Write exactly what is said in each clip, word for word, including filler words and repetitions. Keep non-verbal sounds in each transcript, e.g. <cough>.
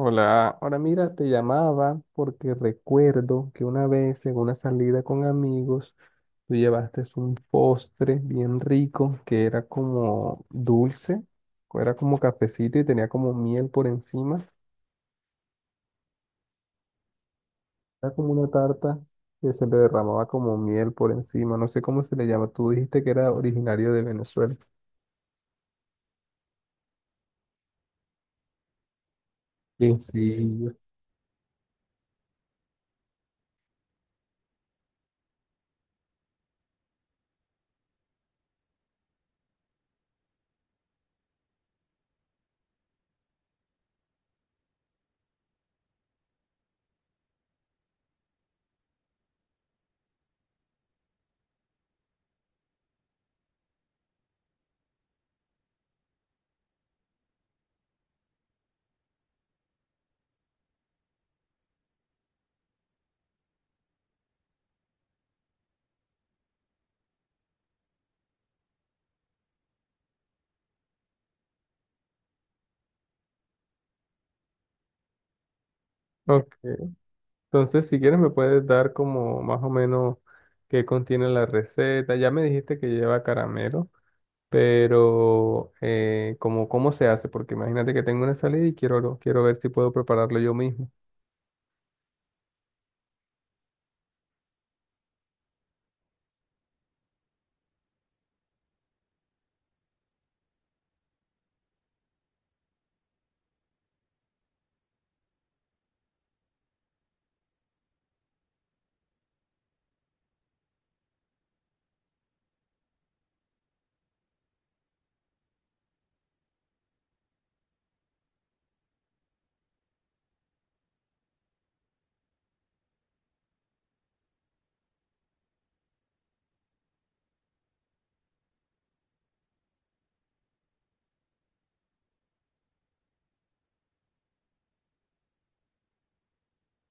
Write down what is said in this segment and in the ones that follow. Hola, ahora mira, te llamaba porque recuerdo que una vez en una salida con amigos, tú llevaste un postre bien rico que era como dulce, o era como cafecito y tenía como miel por encima. Era como una tarta que se le derramaba como miel por encima, no sé cómo se le llama. Tú dijiste que era originario de Venezuela. Sí, sí. Ok. Entonces, si quieres, me puedes dar como más o menos qué contiene la receta. Ya me dijiste que lleva caramelo, pero eh, como cómo se hace, porque imagínate que tengo una salida y quiero, quiero ver si puedo prepararlo yo mismo.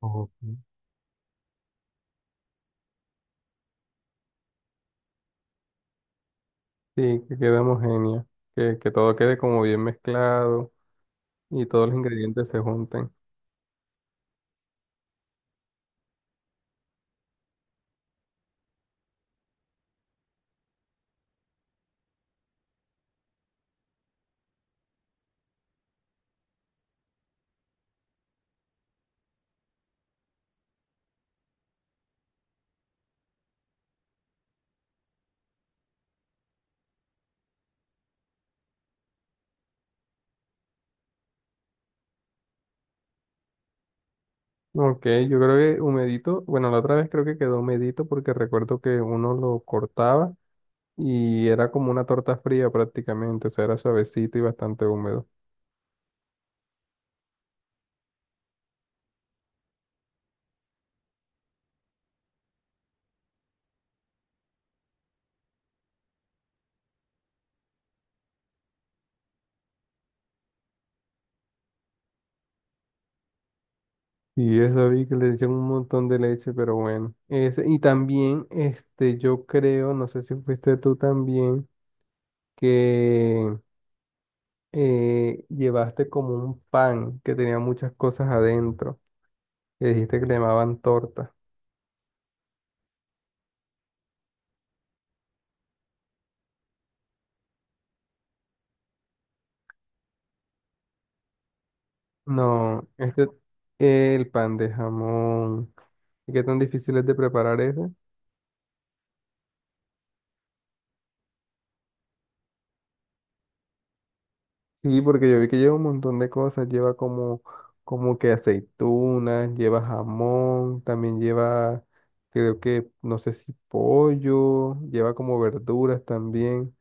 Ok. Sí, que quede homogéneo, que, que todo quede como bien mezclado y todos los ingredientes se junten. Ok, yo creo que humedito. Bueno, la otra vez creo que quedó humedito porque recuerdo que uno lo cortaba. Y era como una torta fría prácticamente, o sea, era suavecito y bastante húmedo. Y eso vi que le echaron un montón de leche, pero bueno. Ese- y también, este, yo creo, no sé si fuiste tú también, que eh, llevaste como un pan que tenía muchas cosas adentro, que dijiste que le llamaban torta. No, este, el pan de jamón. ¿Y qué tan difícil es de preparar ese? Sí, porque yo vi que lleva un montón de cosas, lleva como, como que aceitunas, lleva jamón, también lleva, creo que, no sé si pollo, lleva como verduras también.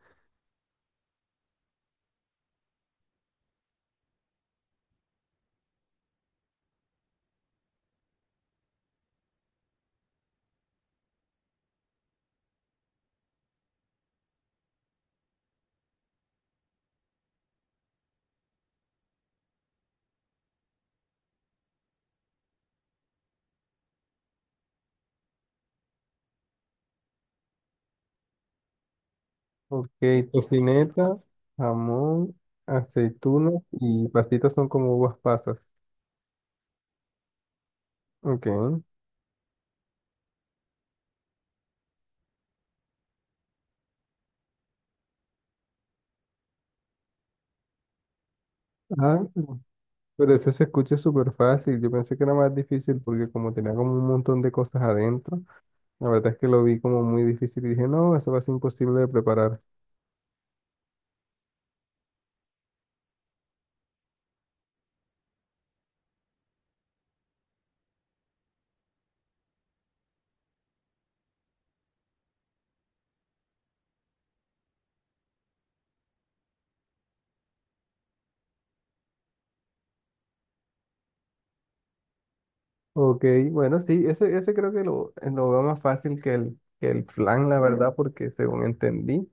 Ok, tocineta, jamón, aceitunas y pastitas son como uvas pasas. Ok. Ah, pero ese se escucha súper fácil. Yo pensé que era más difícil porque como tenía como un montón de cosas adentro, la verdad es que lo vi como muy difícil y dije, no, eso va a ser imposible de preparar. Ok, bueno, sí, ese, ese creo que lo, lo veo más fácil que el, que el flan, la verdad, porque según entendí,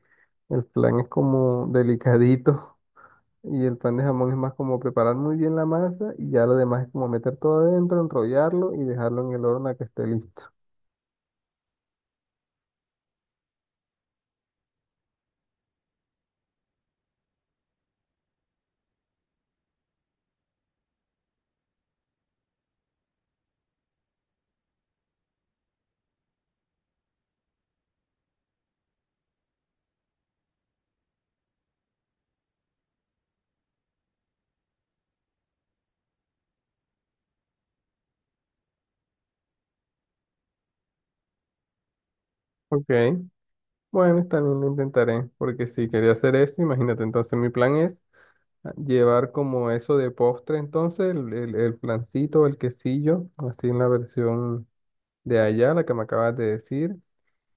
el flan es como delicadito <laughs> y el pan de jamón es más como preparar muy bien la masa y ya lo demás es como meter todo adentro, enrollarlo y dejarlo en el horno a que esté listo. Ok, bueno, también lo intentaré, porque si quería hacer eso, imagínate. Entonces mi plan es llevar como eso de postre, entonces el, el, el flancito, el quesillo, así en la versión de allá, la que me acabas de decir.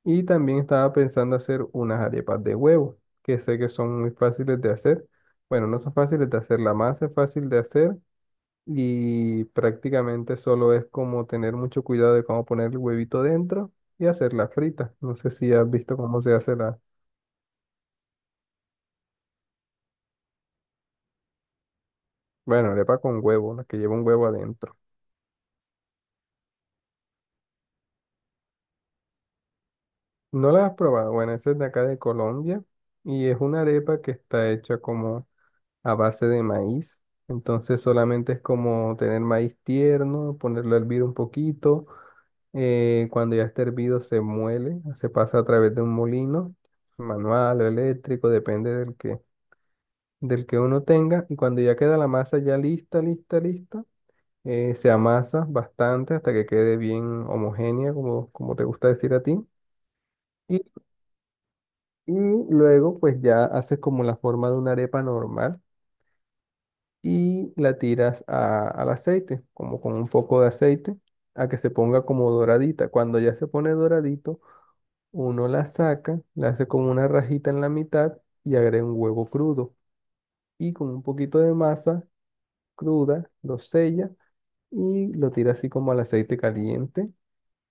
Y también estaba pensando hacer unas arepas de huevo, que sé que son muy fáciles de hacer. Bueno, no son fáciles de hacer, la masa es fácil de hacer y prácticamente solo es como tener mucho cuidado de cómo poner el huevito dentro y hacerla frita. No sé si has visto cómo se hace la, bueno, arepa con huevo, la que lleva un huevo adentro. No la has probado. Bueno, esa es de acá de Colombia y es una arepa que está hecha como a base de maíz. Entonces solamente es como tener maíz tierno, ponerlo a hervir un poquito. Eh, cuando ya está hervido se muele, se pasa a través de un molino, manual o eléctrico, depende del que, del que uno tenga. Y cuando ya queda la masa ya lista, lista, lista, eh, se amasa bastante hasta que quede bien homogénea, como, como te gusta decir a ti. Y, y luego pues ya haces como la forma de una arepa normal y la tiras a- al aceite, como con un poco de aceite, a que se ponga como doradita. Cuando ya se pone doradito, uno la saca, la hace como una rajita en la mitad y agrega un huevo crudo. Y con un poquito de masa cruda, lo sella y lo tira así como al aceite caliente.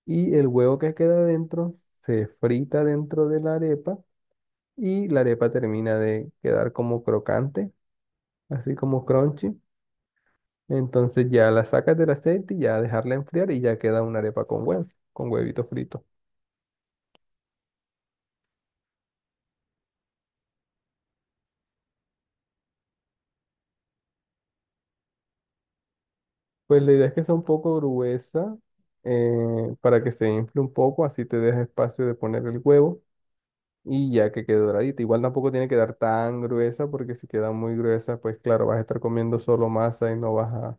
Y el huevo que queda dentro se frita dentro de la arepa y la arepa termina de quedar como crocante, así como crunchy. Entonces ya la sacas del aceite y ya dejarla enfriar y ya queda una arepa con huevo, con huevito frito. Pues la idea es que sea un poco gruesa eh, para que se infle un poco, así te deja espacio de poner el huevo y ya que quede doradita. Igual tampoco tiene que quedar tan gruesa porque si queda muy gruesa, pues claro, vas a estar comiendo solo masa y no vas a,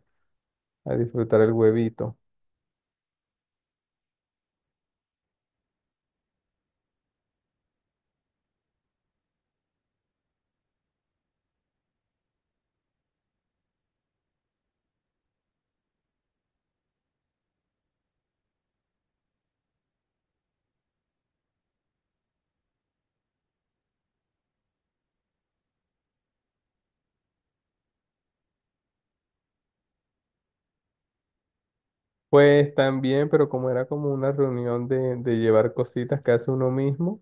a disfrutar el huevito. Pues también, pero como era como una reunión de, de llevar cositas que hace uno mismo.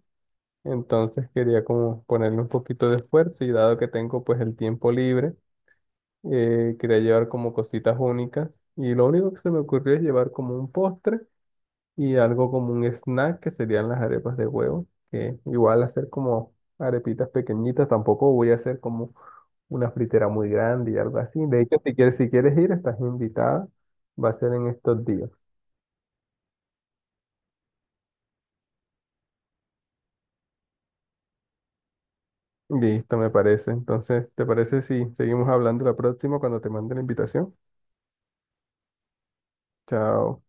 Entonces quería como ponerle un poquito de esfuerzo y dado que tengo pues el tiempo libre, eh, quería llevar como cositas únicas y lo único que se me ocurrió es llevar como un postre y algo como un snack que serían las arepas de huevo, que igual hacer como arepitas pequeñitas, tampoco voy a hacer como una fritera muy grande y algo así. De hecho, si quieres, si quieres ir, estás invitada, va a ser en estos días. Listo, me parece. Entonces, ¿te parece si seguimos hablando la próxima cuando te mande la invitación? Chao.